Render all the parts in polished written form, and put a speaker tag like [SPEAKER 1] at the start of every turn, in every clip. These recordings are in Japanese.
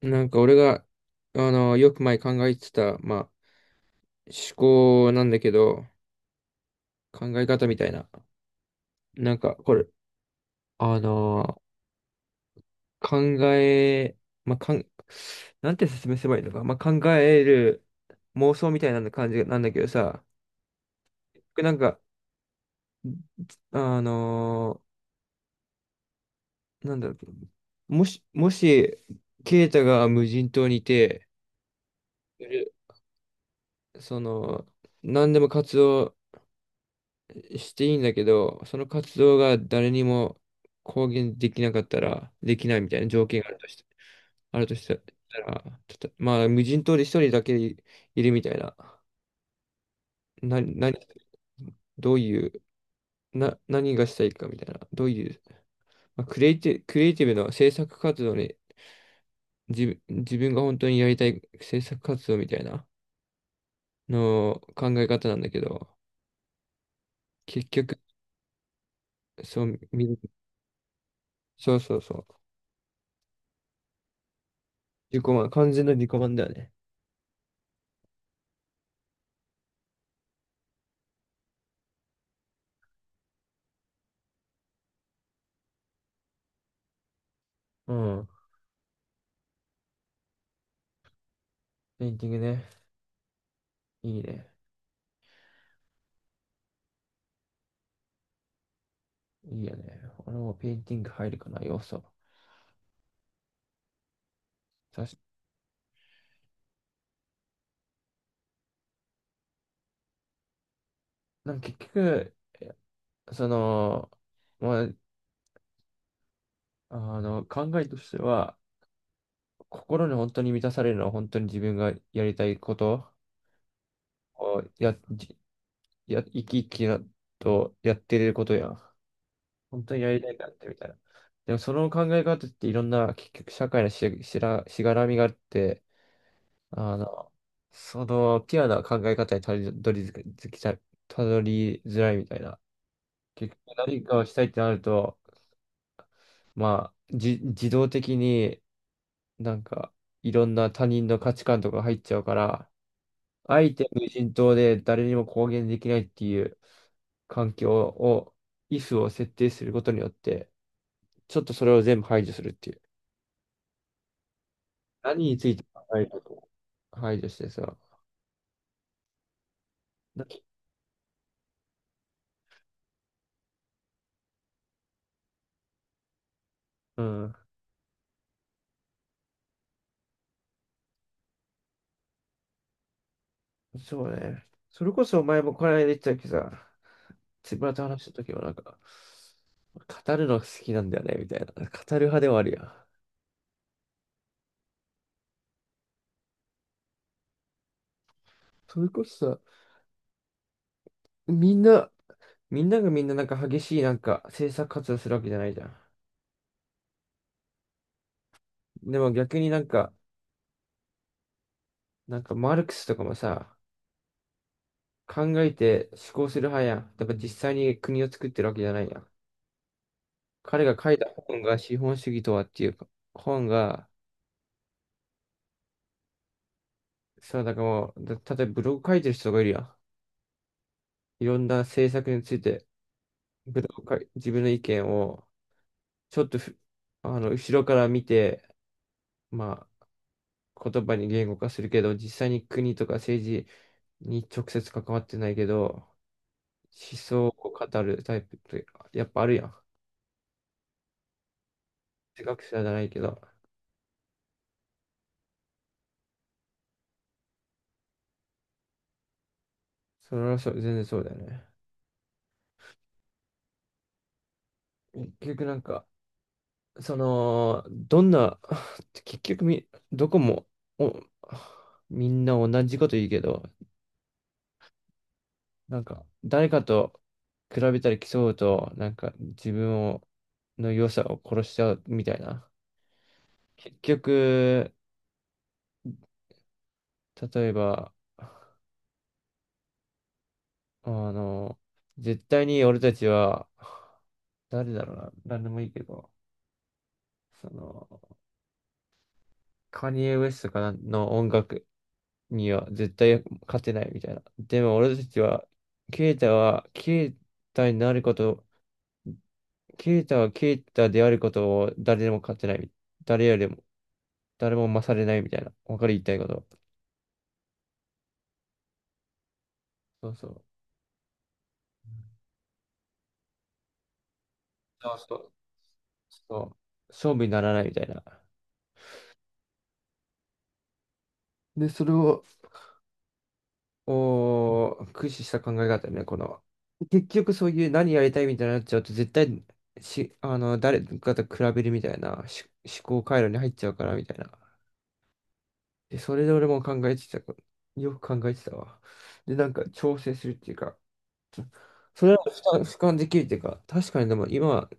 [SPEAKER 1] なんか俺が、あの、よく前考えてた、思考なんだけど、考え方みたいな。なんか、これ、あの、考え、まあ、かん、なんて説明すればいいのか。考える妄想みたいな感じなんだけどさ、なんか、あの、なんだろう、もし、もし、ケイタが無人島にいて、その、何でも活動していいんだけど、その活動が誰にも公言できなかったら、できないみたいな条件があるとして、あるとしたたら、たと無人島で一人だけいるみたいな、何、どういう、な、何がしたいかみたいな、どういう、まあ、クリエイティ、クリエイティブの制作活動に、自分が本当にやりたい制作活動みたいなの考え方なんだけど、結局、そう、みそうそうそう、自己満、完全な自己満だよね。うん、ペインティングね。いいね。いいよね。俺もペインティング入るかな、要素。さし、なんか結局、その、まあ、考えとしては、心に本当に満たされるのは本当に自分がやりたいことをや、じや、生き生きなとやってることやん。本当にやりたいからってみたいな。でもその考え方っていろんな結局社会のしがらみがあって、あの、ピュアな考え方にたどり着きたい、たどりづらいみたいな。結局何かをしたいってなると、自動的になんか、いろんな他人の価値観とか入っちゃうから、あえて無人島で誰にも公言できないっていう環境を、イフを設定することによって、ちょっとそれを全部排除するっていう。何について考えることを排除してさ、だうん。そうね。それこそ前もこの間言ってたけどさ、つぶらと話した時はなんか、語るのが好きなんだよね、みたいな。語る派ではあるやん。それこそさ、みんな、みんながみんななんか激しいなんか政策活動するわけじゃないじゃん。でも逆になんかマルクスとかもさ、考えて思考する派やん。だから実際に国を作ってるわけじゃないやん。彼が書いた本が資本主義とはっていう本が、だからもう、例えばブログ書いてる人がいるやん。いろんな政策について。普段か自分の意見をちょっとふ後ろから見て、ま言葉に言語化するけど、実際に国とか政治に直接関わってないけど、思想を語るタイプってやっぱあるやん。哲学者じゃないけど、それはそう、全然そうだよね。結局なんか、どんな、結局み、どこもおみんな同じこと言うけど、なんか、誰かと比べたり競うと、なんか自分を、の良さを殺しちゃうみたいな。結局、例えば、あの、絶対に俺たちは、誰だろうな、何でもいいけど、その、カニエ・ウェストかなの音楽には絶対勝てないみたいな。でも俺たちは、ケイタは、ケイタになることケイタはケイタであることを誰でも勝てない。誰よりも、誰も勝れないみたいな。わかる言いたいこと。そうそう。そうそう。そう。勝負にならないみたいな。で、それを、駆使した考え方ね、この。結局そういう何やりたいみたいになっちゃうと、絶対し、あの、誰かと比べるみたいな思考回路に入っちゃうからみたいな。で、それで俺も考えてた。よく考えてたわ。で、なんか調整するっていうか、それは俯瞰できるっていうか、確かにでも今、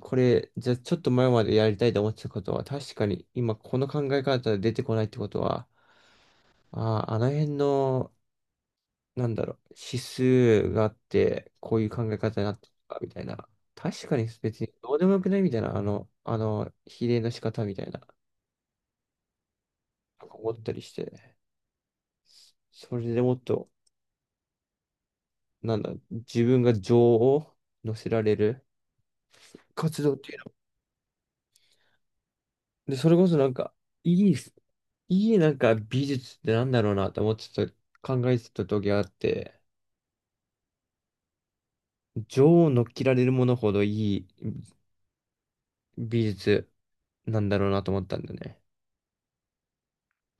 [SPEAKER 1] これ、じゃあちょっと前までやりたいと思ってたことは、確かに今この考え方で出てこないってことは、ああの辺の、なんだろう、指数があって、こういう考え方になってたみたいな。確かに別にどうでもよくないみたいな、比例の仕方みたいな、思ったりして、それでもっと、なんだ、自分が情を乗せられる活動っていうのはで、それこそいい、いいなんか美術ってなんだろうなと思ってた、考えてた時があって、女王を乗っ切られるものほどいい美術なんだろうなと思ったんだよね。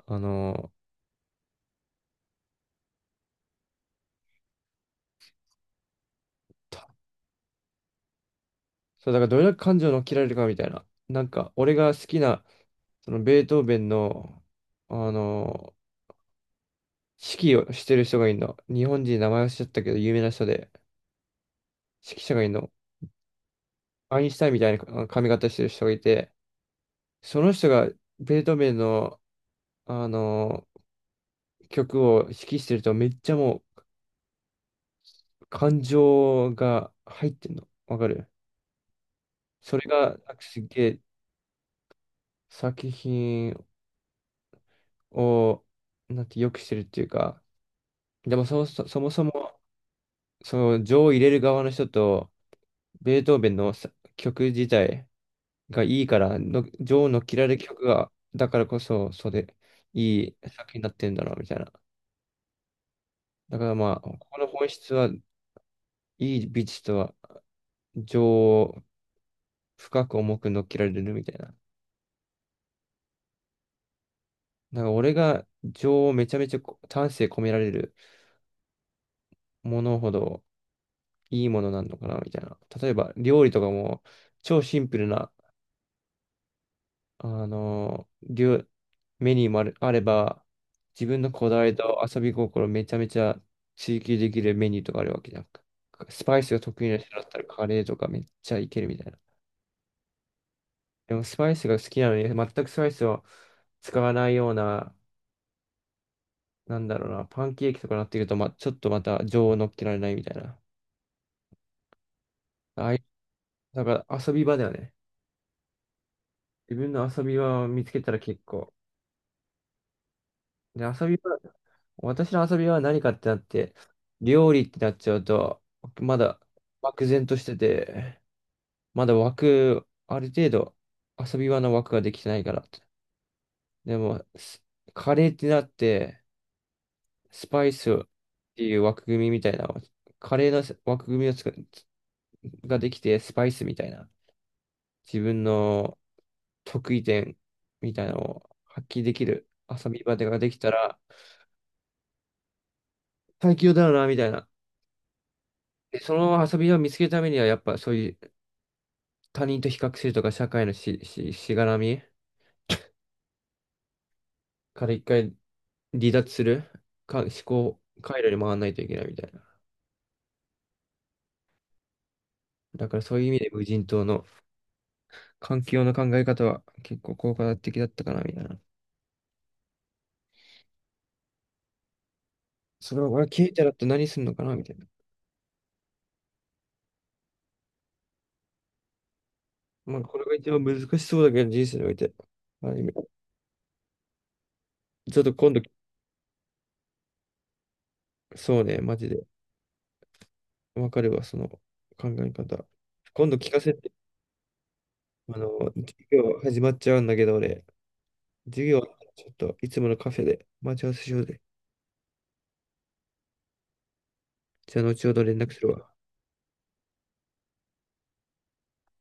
[SPEAKER 1] あの、たそう、だからどれだけ感情を乗っ切られるかみたいな。なんか、俺が好きな、そのベートーベンの、あの、指揮をしてる人がいるの。日本人名前忘れちゃったけど、有名な人で、指揮者がいるの。アインシュタインみたいな髪型してる人がいて、その人がベートーベンの、あの曲を指揮してるとめっちゃ感情が入ってんの。わかる、それがなんかすっげえ作品をなんて良くしてるっていうか、でもそもそ、そもそもその情を入れる側の人とベートーベンのさ曲自体がいいからの、情を乗っ切られる曲がだからこそそうでいい作品になってるんだろうみたいな。だからまあ、ここの本質はいい美術とは情を深く重く乗っけられるみたいな。なんか俺が情をめちゃめちゃ丹精込められるものほどいいものなんのかなみたいな。例えば料理とかも超シンプルな、あのー料メニューもある、あれば自分のこだわりと遊び心めちゃめちゃ追求できるメニューとかあるわけじゃん。スパイスが得意な人だったらカレーとかめっちゃいけるみたいな。でもスパイスが好きなのに全くスパイスを使わないようななんだろうな、パンケーキとかなってくると、ま、ちょっとまた情を乗っけられないみたいな。ああいう、だから遊び場だよね。自分の遊び場を見つけたら結構。で、遊び場、私の遊び場は何かってなって、料理ってなっちゃうと、まだ漠然としてて、まだ枠、ある程度遊び場の枠ができてないから。でも、カレーってなって、スパイスっていう枠組みみたいな、カレーの枠組みをつくができて、スパイスみたいな。自分の得意点みたいなのを発揮できる遊び場ができたら最強だよな、みたいな。で、その遊び場を見つけるためには、やっぱそういう他人と比較するとか、社会のしがらみから一回離脱するか、思考回路に回らないといけないみたいな。だからそういう意味で無人島の環境の考え方は結構効果的だったかな、みたいな。それを俺聞いたらって何するのかな、みたいな。まあ、これが一番難しそうだけど、人生において。まある意味ちょっと今度そうね、マジで。わかるわ、その考え方。今度聞かせて。あの、授業始まっちゃうんだけど、俺、授業、ちょっといつものカフェで待ち合わせしようぜ。じゃあ、後ほど連絡するわ。